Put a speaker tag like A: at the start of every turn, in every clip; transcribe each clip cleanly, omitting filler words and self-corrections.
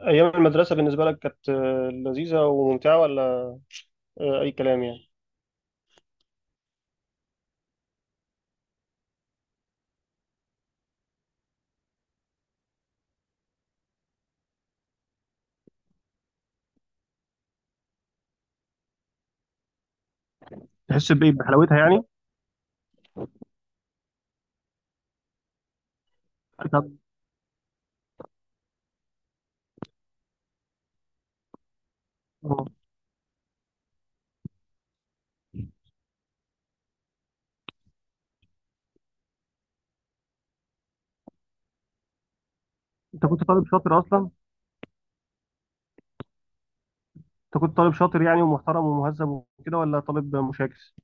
A: أيام المدرسة بالنسبة لك كانت لذيذة وممتعة ولا أي كلام يعني؟ تحس بايه بحلاوتها يعني انت آه. انت كنت طالب شاطر اصلا. انت كنت طالب شاطر يعني ومحترم ومهذب، وكده ولا طالب مشاكس؟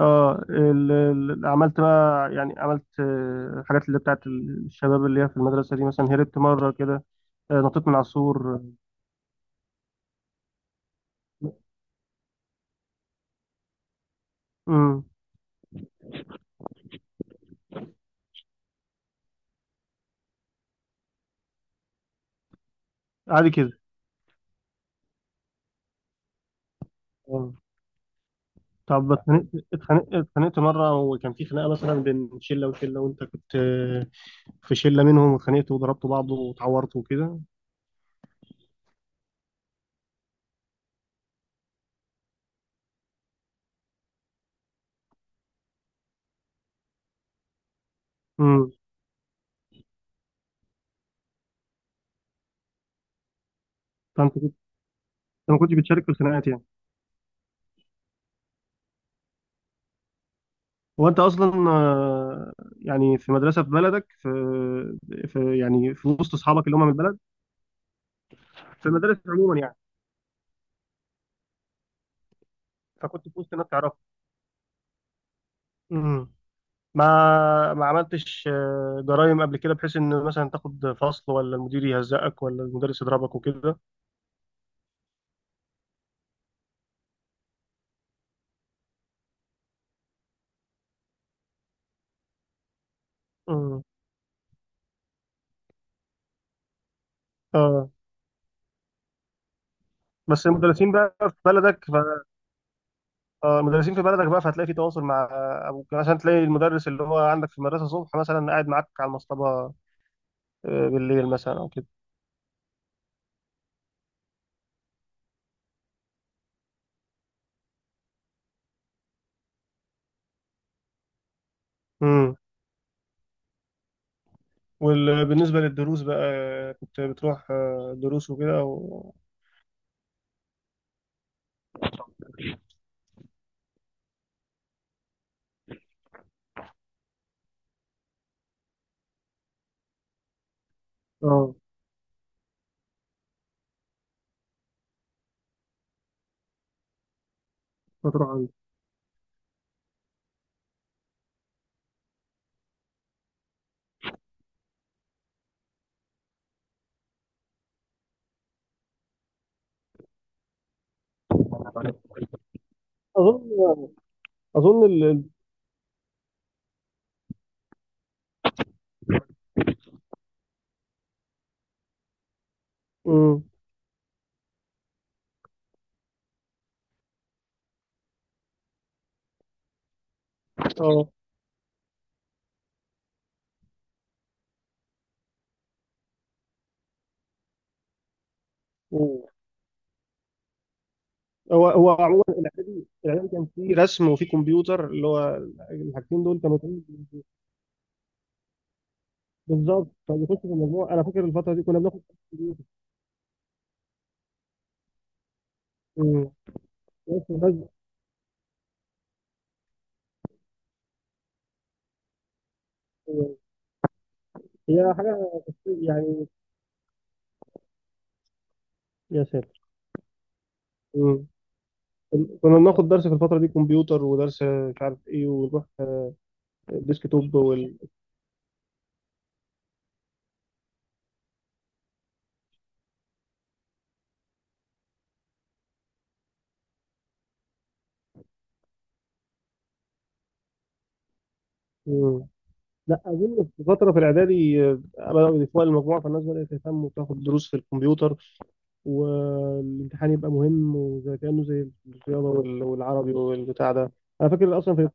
A: اه، عملت بقى يعني عملت الحاجات اللي بتاعت الشباب اللي هي في المدرسه دي، مثلا هربت مره كده، نطيت من على السور. امم. عادي كده. آه. طب، اتخانقت مره، وكان في خناقه مثلا بين شله وشله، وانت كنت في شله منهم، واتخانقت وضربت بعض واتعورت وكده؟ امم. فانت كنت، انت ما كنتش بتشارك في الخناقات يعني؟ هو انت اصلا يعني في مدرسه في بلدك، في يعني في وسط اصحابك اللي هم من البلد، في المدارس عموما يعني؟ فكنت في وسط الناس تعرفها. امم. ما عملتش جرايم قبل كده، بحيث ان مثلا تاخد فصل، ولا المدير يهزقك، ولا المدرس يضربك وكده؟ امم. اه. بس المدرسين بقى في بلدك، مدرسين في بلدك بقى، فهتلاقي في تواصل مع ابوك، يعني مثلا تلاقي المدرس اللي هو عندك في المدرسه الصبح مثلا قاعد معاك على المصطبه بالليل مثلا او كده. امم. وبالنسبه للدروس بقى، كنت بتروح دروس وكده او اه. بتروح عندك؟ اظن اظن مم. اه. مم. هو عموما، الاعدادي الاعدادي كان فيه رسم وفيه كمبيوتر، اللي هو الحاجتين دول كانوا فيه بالظبط. فبيخش في المجموع. انا فاكر الفتره دي كنا بناخد كمبيوتر. مم. بس آه، هي حاجة يعني. يا ساتر. مم. كنا بناخد درس في الفترة دي كمبيوتر، ودرس مش عارف ايه، ونروح ديسك توب مم. لا، أظن في فترة في الإعدادي بدأوا يضيفوها للمجموعة، فالناس بدأت تهتم وتاخد دروس في الكمبيوتر، والامتحان يبقى مهم وزي كأنه زي الرياضة والعربي والبتاع ده. أنا فاكر أصلا في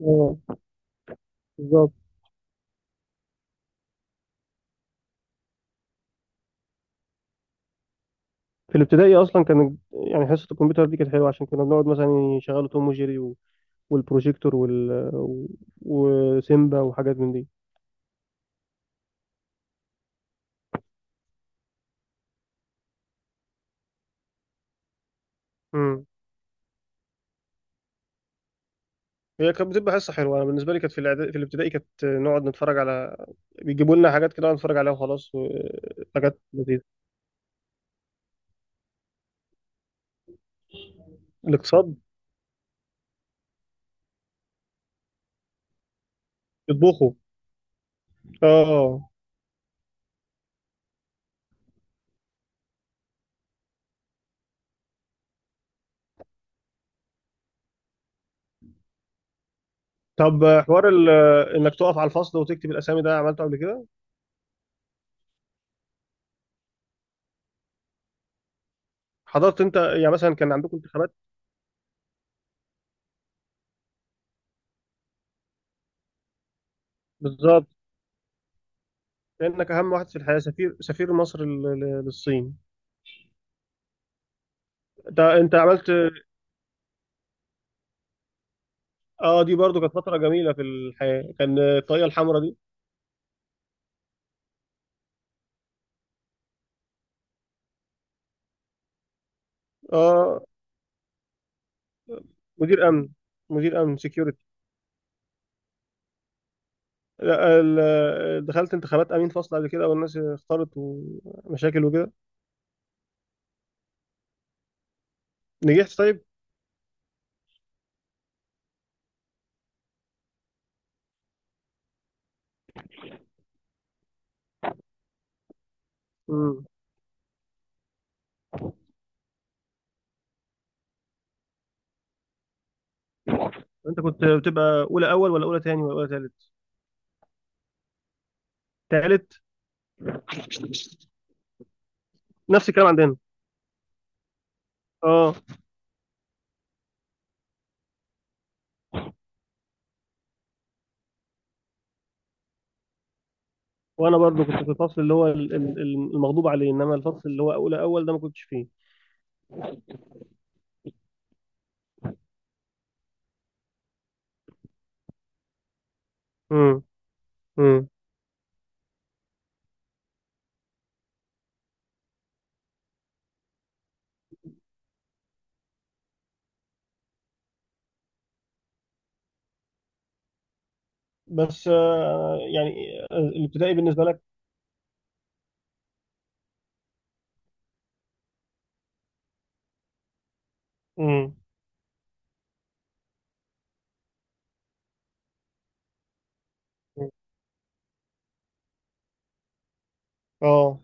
A: آه، بالظبط. في الابتدائي أصلا، كان يعني حصة الكمبيوتر دي كانت حلوة، عشان كنا بنقعد مثلا يشغلوا توم وجيري والبروجيكتور وسيمبا وحاجات من دي. امم. هي كانت بتبقى حصه حلوه. انا بالنسبه لي كانت في الابتدائي كانت نقعد نتفرج على، بيجيبوا لنا حاجات كده نقعد نتفرج عليها وخلاص حاجات لذيذه. الاقتصاد. يطبخوا. اه. طب، حوار انك تقف على الفصل وتكتب الاسامي ده، عملته قبل كده؟ حضرت انت، يعني مثلا كان عندكم انتخابات؟ بالظبط. لانك اهم واحد في الحياه، سفير سفير مصر للصين. انت عملت. اه. دي برضو كانت فتره جميله في الحياه، كان الطاقيه الحمراء دي. اه. مدير امن. مدير امن سكيورتي. لا، دخلت انتخابات امين فصل قبل كده، والناس اختارت، ومشاكل وكده. نجحت، طيب. امم. انت كنت بتبقى اولى اول، ولا اولى تاني، ولا اولى تالت؟ تالت. نفس الكلام عندنا. اه. وانا برضو كنت في الفصل اللي هو المغضوب عليه، انما الفصل اللي هو اولى اول ده ما كنتش فيه. امم. امم. بس يعني الابتدائي بالنسبه لك؟ امم. اه.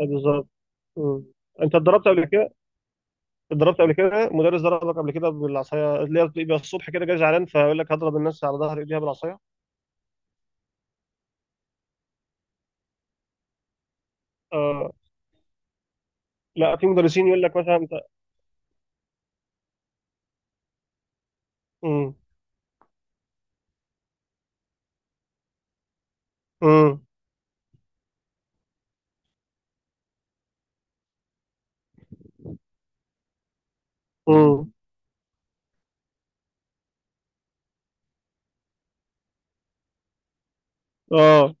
A: أي، بالظبط. امم. انت اتدربت قبل كده اتضربت قبل كده، مدرس ضربك قبل كده بالعصايه، اللي هي بتبقى الصبح كده جاي زعلان، فيقول لك هضرب الناس على ظهر ايديها بالعصايه؟ آه، لا، في مدرسين يقول لك مثلا انت. امم. امم. امم. اه.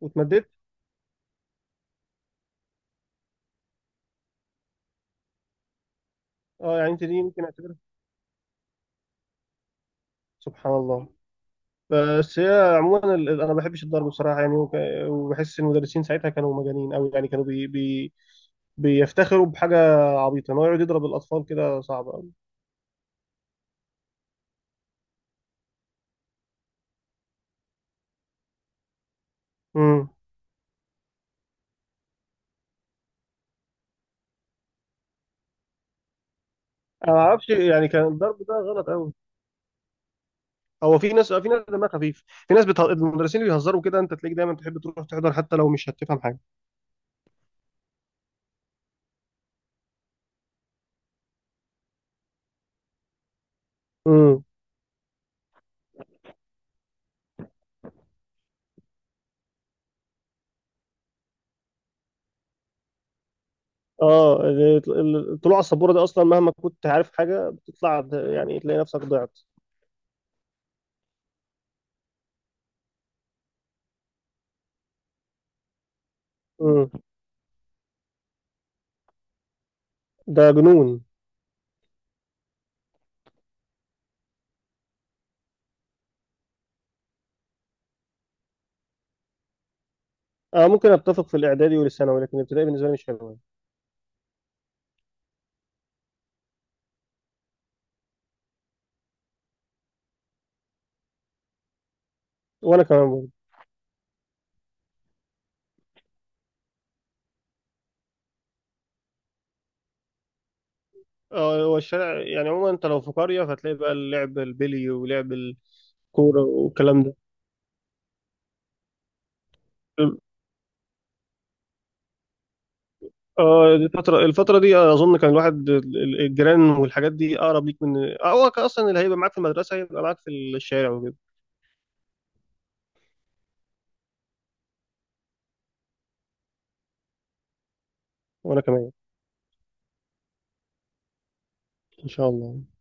A: واتمددت. اه. يعني انت دي ممكن اعتبرها، سبحان الله. بس هي عموما انا ما بحبش الضرب بصراحه يعني وبحس ان المدرسين ساعتها كانوا مجانين قوي، يعني كانوا بي بي بيفتخروا بحاجه عبيطه، ان هو يقعد يضرب الاطفال كده، صعب قوي. امم. انا ما اعرفش يعني، كان الضرب ده غلط قوي. هو في ناس، في ناس دمها خفيف، في ناس بتهزر المدرسين، اللي بيهزروا كده انت تلاقيك دايما تحب تروح تحضر حتى لو مش هتفهم حاجه. امم. اه. الطلوع على السبوره ده اصلا مهما كنت عارف حاجه بتطلع يعني تلاقي نفسك ضعت. امم. ده جنون. آه، ممكن اتفق في الاعدادي والثانوي، لكن الابتدائي بالنسبه لي مش حلوه. وانا كمان برضه. آه، هو الشارع يعني عموما، انت لو في قريه فتلاقي بقى اللعب، البلي ولعب الكوره والكلام ده. اه. دي الفترة، الفترة دي أظن كان الواحد الجيران والحاجات دي أقرب ليك من، هو كان أصلا اللي هيبقى معاك في المدرسة هيبقى معاك في الشارع وكده. وأنا كمان. إن شاء الله.